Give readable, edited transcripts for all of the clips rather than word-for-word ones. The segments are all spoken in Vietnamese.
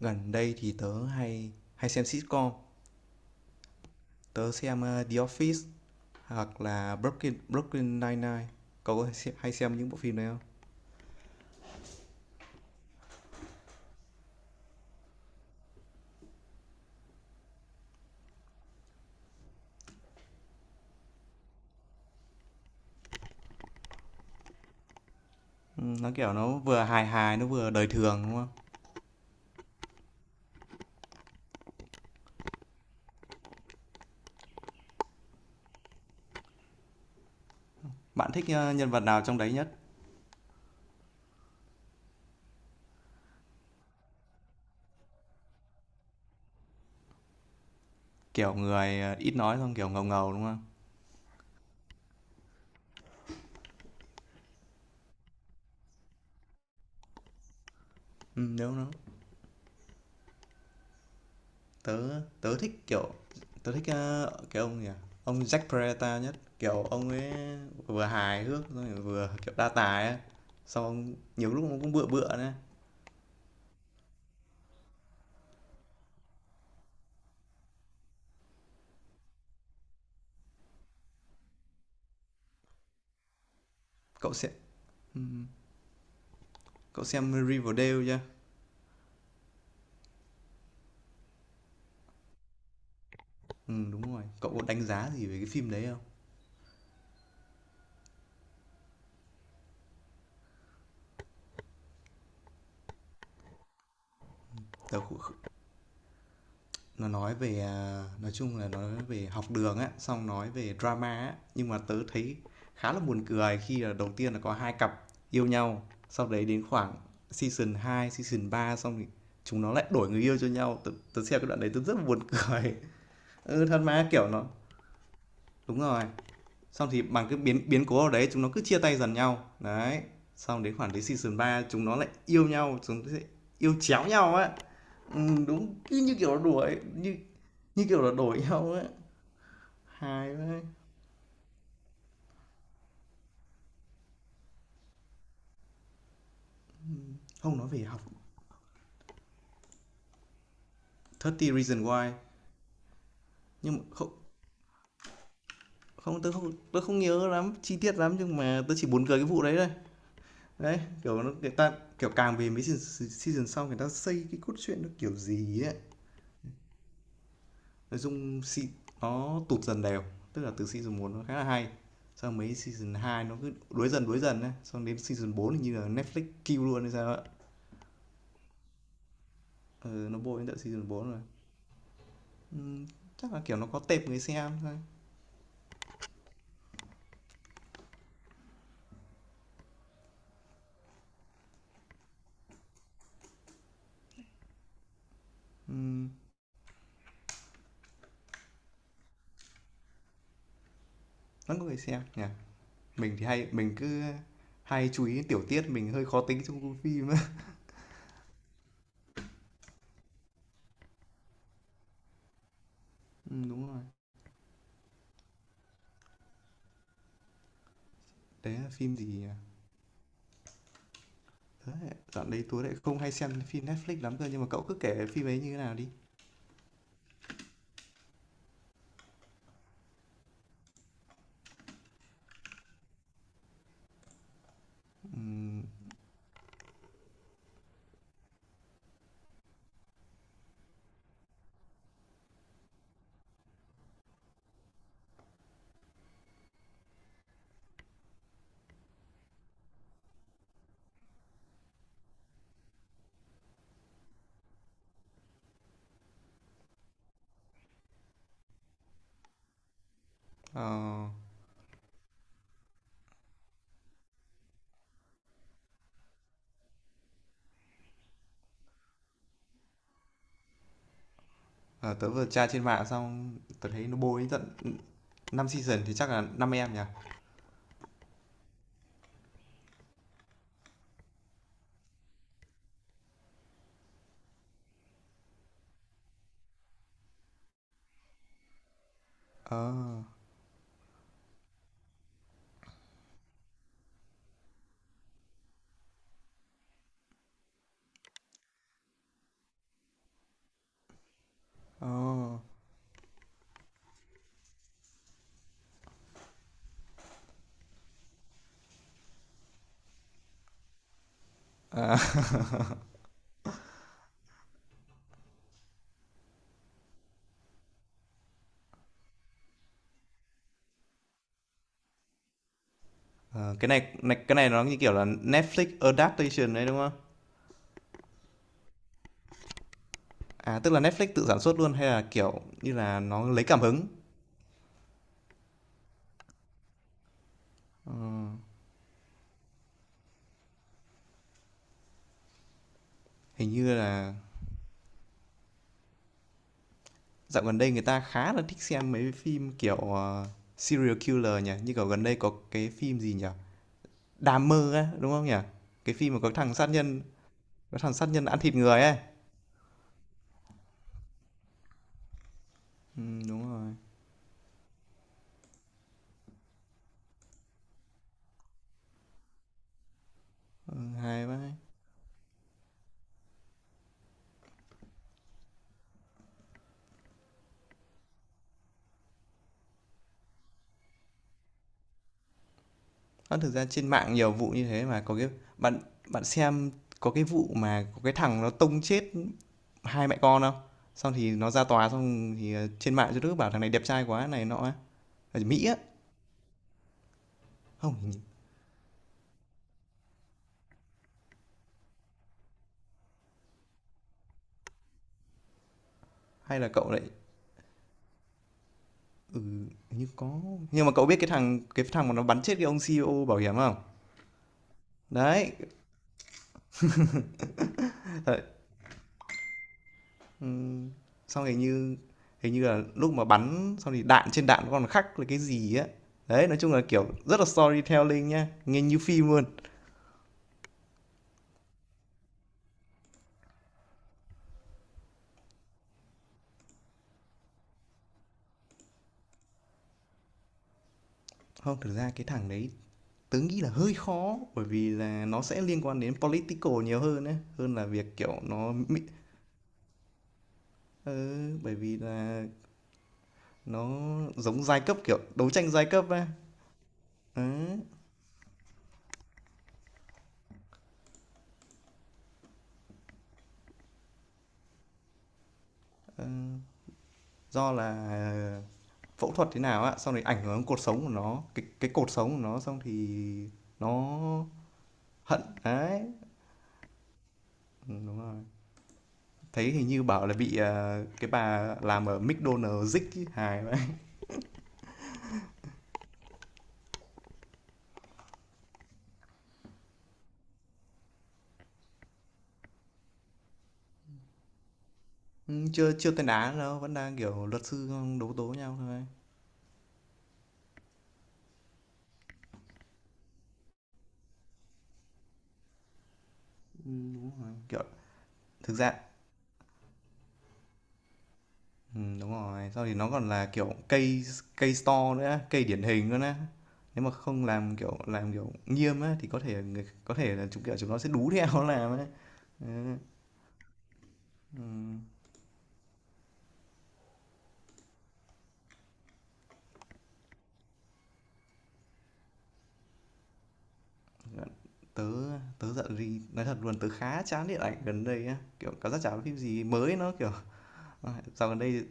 Gần đây thì tớ hay hay xem sitcom. Tớ xem The Office hoặc là Brooklyn Brooklyn Nine Nine. Cậu hay xem những bộ phim đấy không? Ừ, nó kiểu nó vừa hài hài nó vừa đời thường đúng không? Bạn thích nhân vật nào trong đấy nhất? Kiểu người ít nói, xong kiểu ngầu ngầu đúng không? Ừ, đúng nó. Tớ tớ thích kiểu, tớ thích cái ông gì à? Ông Jack Peralta nhất, kiểu ông ấy vừa hài hước rồi vừa kiểu đa tài ấy. Xong nhiều lúc nó cũng bựa bựa nữa. Cậu sẽ, cậu xem Riverdale chưa? Ừ, đúng rồi. Cậu có đánh giá gì về cái phim đấy không? Tớ, nó nói về à, nói chung là nói về học đường á, xong nói về drama á, nhưng mà tớ thấy khá là buồn cười khi là đầu tiên là có hai cặp yêu nhau, sau đấy đến khoảng season 2, season ba, xong thì chúng nó lại đổi người yêu cho nhau. Tớ xem cái đoạn đấy tớ rất là buồn cười. Ừ thật mà kiểu nó, đúng rồi, xong thì bằng cái biến biến cố ở đấy chúng nó cứ chia tay dần nhau đấy, xong đến khoảng đến season 3 chúng nó lại yêu nhau. Chúng nó sẽ yêu chéo nhau á. Ừ, đúng, cứ như kiểu là đuổi, như như kiểu là đổi nhau á. Hài quá. Không, nói về học. 30 reason why. Nhưng mà không không tôi không nhớ lắm chi tiết lắm, nhưng mà tôi chỉ buồn cười cái vụ đấy thôi. Đấy, kiểu nó người ta, kiểu càng về mấy season, season sau người ta xây cái cốt truyện nó kiểu gì ấy. Nói chung nó tụt dần đều, tức là từ season một nó khá là hay. Xong mấy season 2 nó cứ đuối dần ấy, xong đến season 4 thì như là Netflix kill luôn hay sao ạ. Ừ, nó bôi đến tận season 4 rồi. Chắc là kiểu nó có tệp người xem thôi. Vẫn có người xem nhỉ. Mình thì hay mình cứ hay chú ý đến tiểu tiết, mình hơi khó tính trong phim á. Ừ, đúng rồi. Đấy là phim gì nhỉ? Đấy, dạo đấy tôi lại không hay xem phim Netflix lắm cơ, nhưng mà cậu cứ kể phim ấy như thế nào đi. Ờ, ờ, tớ vừa tra trên mạng xong, tớ thấy nó bôi đến tận 5 season thì chắc là 5 em nhỉ? Ờ, ờ. Ờ, cái này nó như kiểu là Netflix adaptation đấy đúng không? À, tức là Netflix tự sản xuất luôn hay là kiểu như là nó lấy cảm hứng? Hình như là dạo gần đây người ta khá là thích xem mấy phim kiểu serial killer nhỉ, như kiểu gần đây có cái phim gì nhỉ? Đám mơ á, đúng không nhỉ? Cái phim mà có thằng sát nhân ăn thịt người ấy. Ừ, đúng rồi. Ừ, hay quá. Ơ, thực ra trên mạng nhiều vụ như thế mà, có cái bạn bạn xem, có cái vụ mà có cái thằng nó tông chết hai mẹ con không? Xong thì nó ra tòa xong thì, trên mạng cho đứa bảo thằng này đẹp trai quá này nọ á, ở Mỹ á. Không, hay là cậu lại như có, nhưng mà cậu biết cái thằng mà nó bắn chết cái ông CEO bảo hiểm không? Đấy, ờ, ừ. Xong hình như là lúc mà bắn xong thì đạn trên đạn nó còn khắc là cái gì á. Đấy, nói chung là, kiểu, rất là storytelling nhá, nghe như phim luôn. Không, thực ra cái thằng đấy, tớ nghĩ là hơi khó bởi vì là nó sẽ liên quan đến political nhiều hơn ấy, hơn là việc, kiểu, nó mi, ừ, bởi vì là nó giống giai cấp, kiểu, đấu tranh giai cấp ấy. Đấy, ờ, do là phẫu thuật thế nào á, xong rồi ảnh hưởng đến cột sống của nó, cái cột sống của nó, xong thì nó hận, đấy. Đúng rồi. Thấy hình như bảo là bị, cái bà làm ở McDonald's rích ấy, hài vậy. Chưa chưa tên án đâu, vẫn đang, kiểu, luật sư đấu tố nhau thôi. Kiểu thực ra, đúng rồi, sau thì nó còn là, kiểu, cây cây store nữa, cây điển hình luôn á. Nếu mà không làm, kiểu, làm, kiểu, nghiêm á thì có thể người có thể là chúng, kiểu, chúng nó sẽ đú theo nó làm ấy. Tớ tớ giận gì nói thật luôn, tớ khá chán điện ảnh gần đây á, kiểu, cảm giác chả có phim gì mới nó, kiểu, dạo gần đây,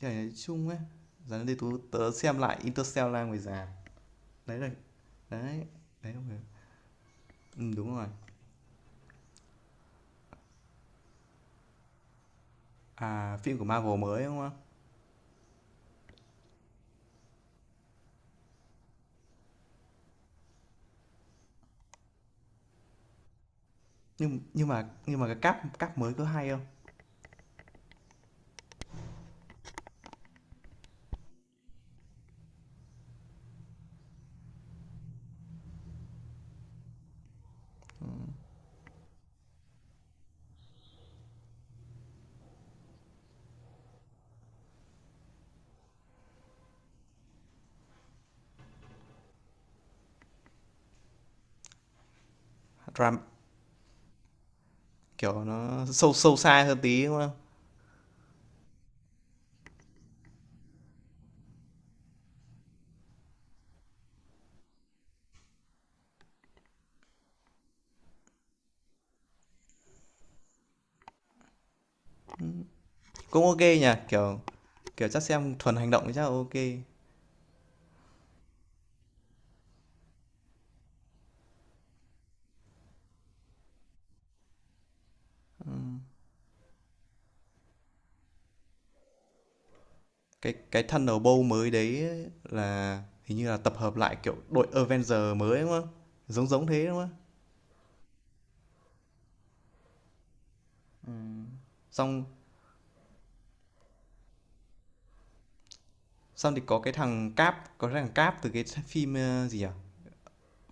trời, nói chung á, dạo gần đây tớ tớ xem lại Interstellar ngoài rạp. Đấy là đấy, đấy, đúng rồi. Đúng rồi. À, phim của Marvel mới, đúng không? Nhưng mà cái cáp cáp mới có hay không? Ram, kiểu nó sâu sâu xa hơn tí đúng không? Cũng ok nhỉ, kiểu, kiểu chắc xem thuần hành động thì chắc là ok. Cái Thunderbolt mới đấy là hình như là tập hợp lại kiểu đội Avenger mới đúng không? Giống giống thế đúng không, xong, xong thì có cái thằng cáp có cái thằng cáp từ cái phim gì nhỉ,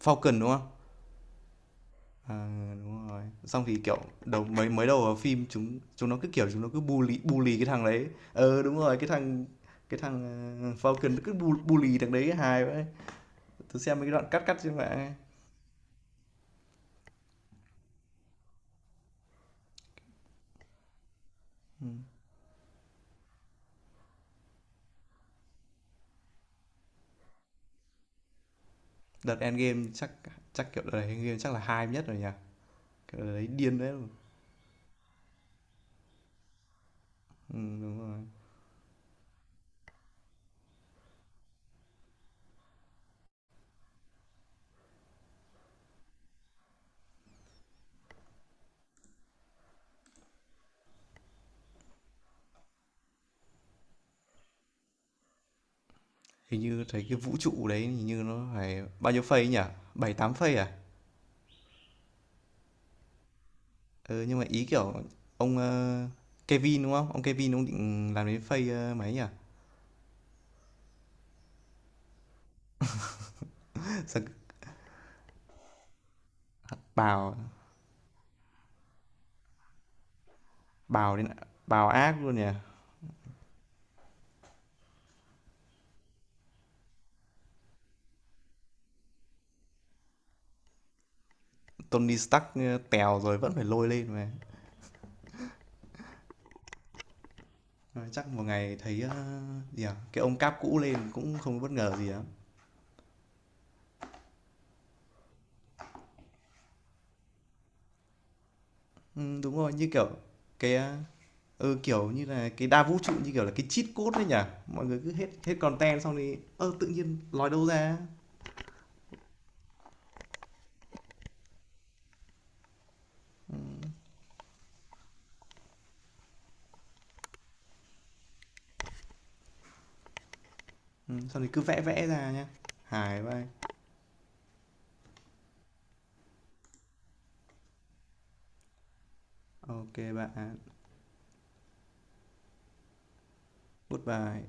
Falcon đúng không? À, đúng rồi. Xong thì, kiểu, đầu mới mới đầu vào phim chúng chúng nó cứ, kiểu, chúng nó cứ bully bully cái thằng đấy. Ờ, đúng rồi, cái thằng, Falcon nó cứ bully thằng đấy hài vậy. Tôi xem mấy cái đoạn cắt cắt trên mạng ấy. Đợt Endgame chắc chắc, kiểu, đợt này Endgame chắc là hai nhất rồi nhỉ? Kiểu, đợt đấy điên đấy. Đúng rồi. Hình như thấy cái vũ trụ đấy hình như nó phải bao nhiêu phase nhỉ? Bảy 8 phase à? Ừ, nhưng mà ý, kiểu, ông, Kevin, đúng không? Ông Kevin ông định làm đến phase, mấy nhỉ? Xong bảo, bào đến, bào ác luôn nhỉ. Tony Stark tèo rồi vẫn phải lôi lên mà. Ờ, chắc một ngày thấy gì à? Cái ông cáp cũ lên cũng không bất ngờ gì lắm. Ừ, đúng rồi, như kiểu cái ừ, kiểu như là cái đa vũ trụ như kiểu là cái cheat code đấy nhỉ. Mọi người cứ hết hết content xong thì ơ tự nhiên lòi đâu ra. Ừ, xong thì cứ vẽ vẽ ra nhá. Hài vai. Ok bạn. Goodbye.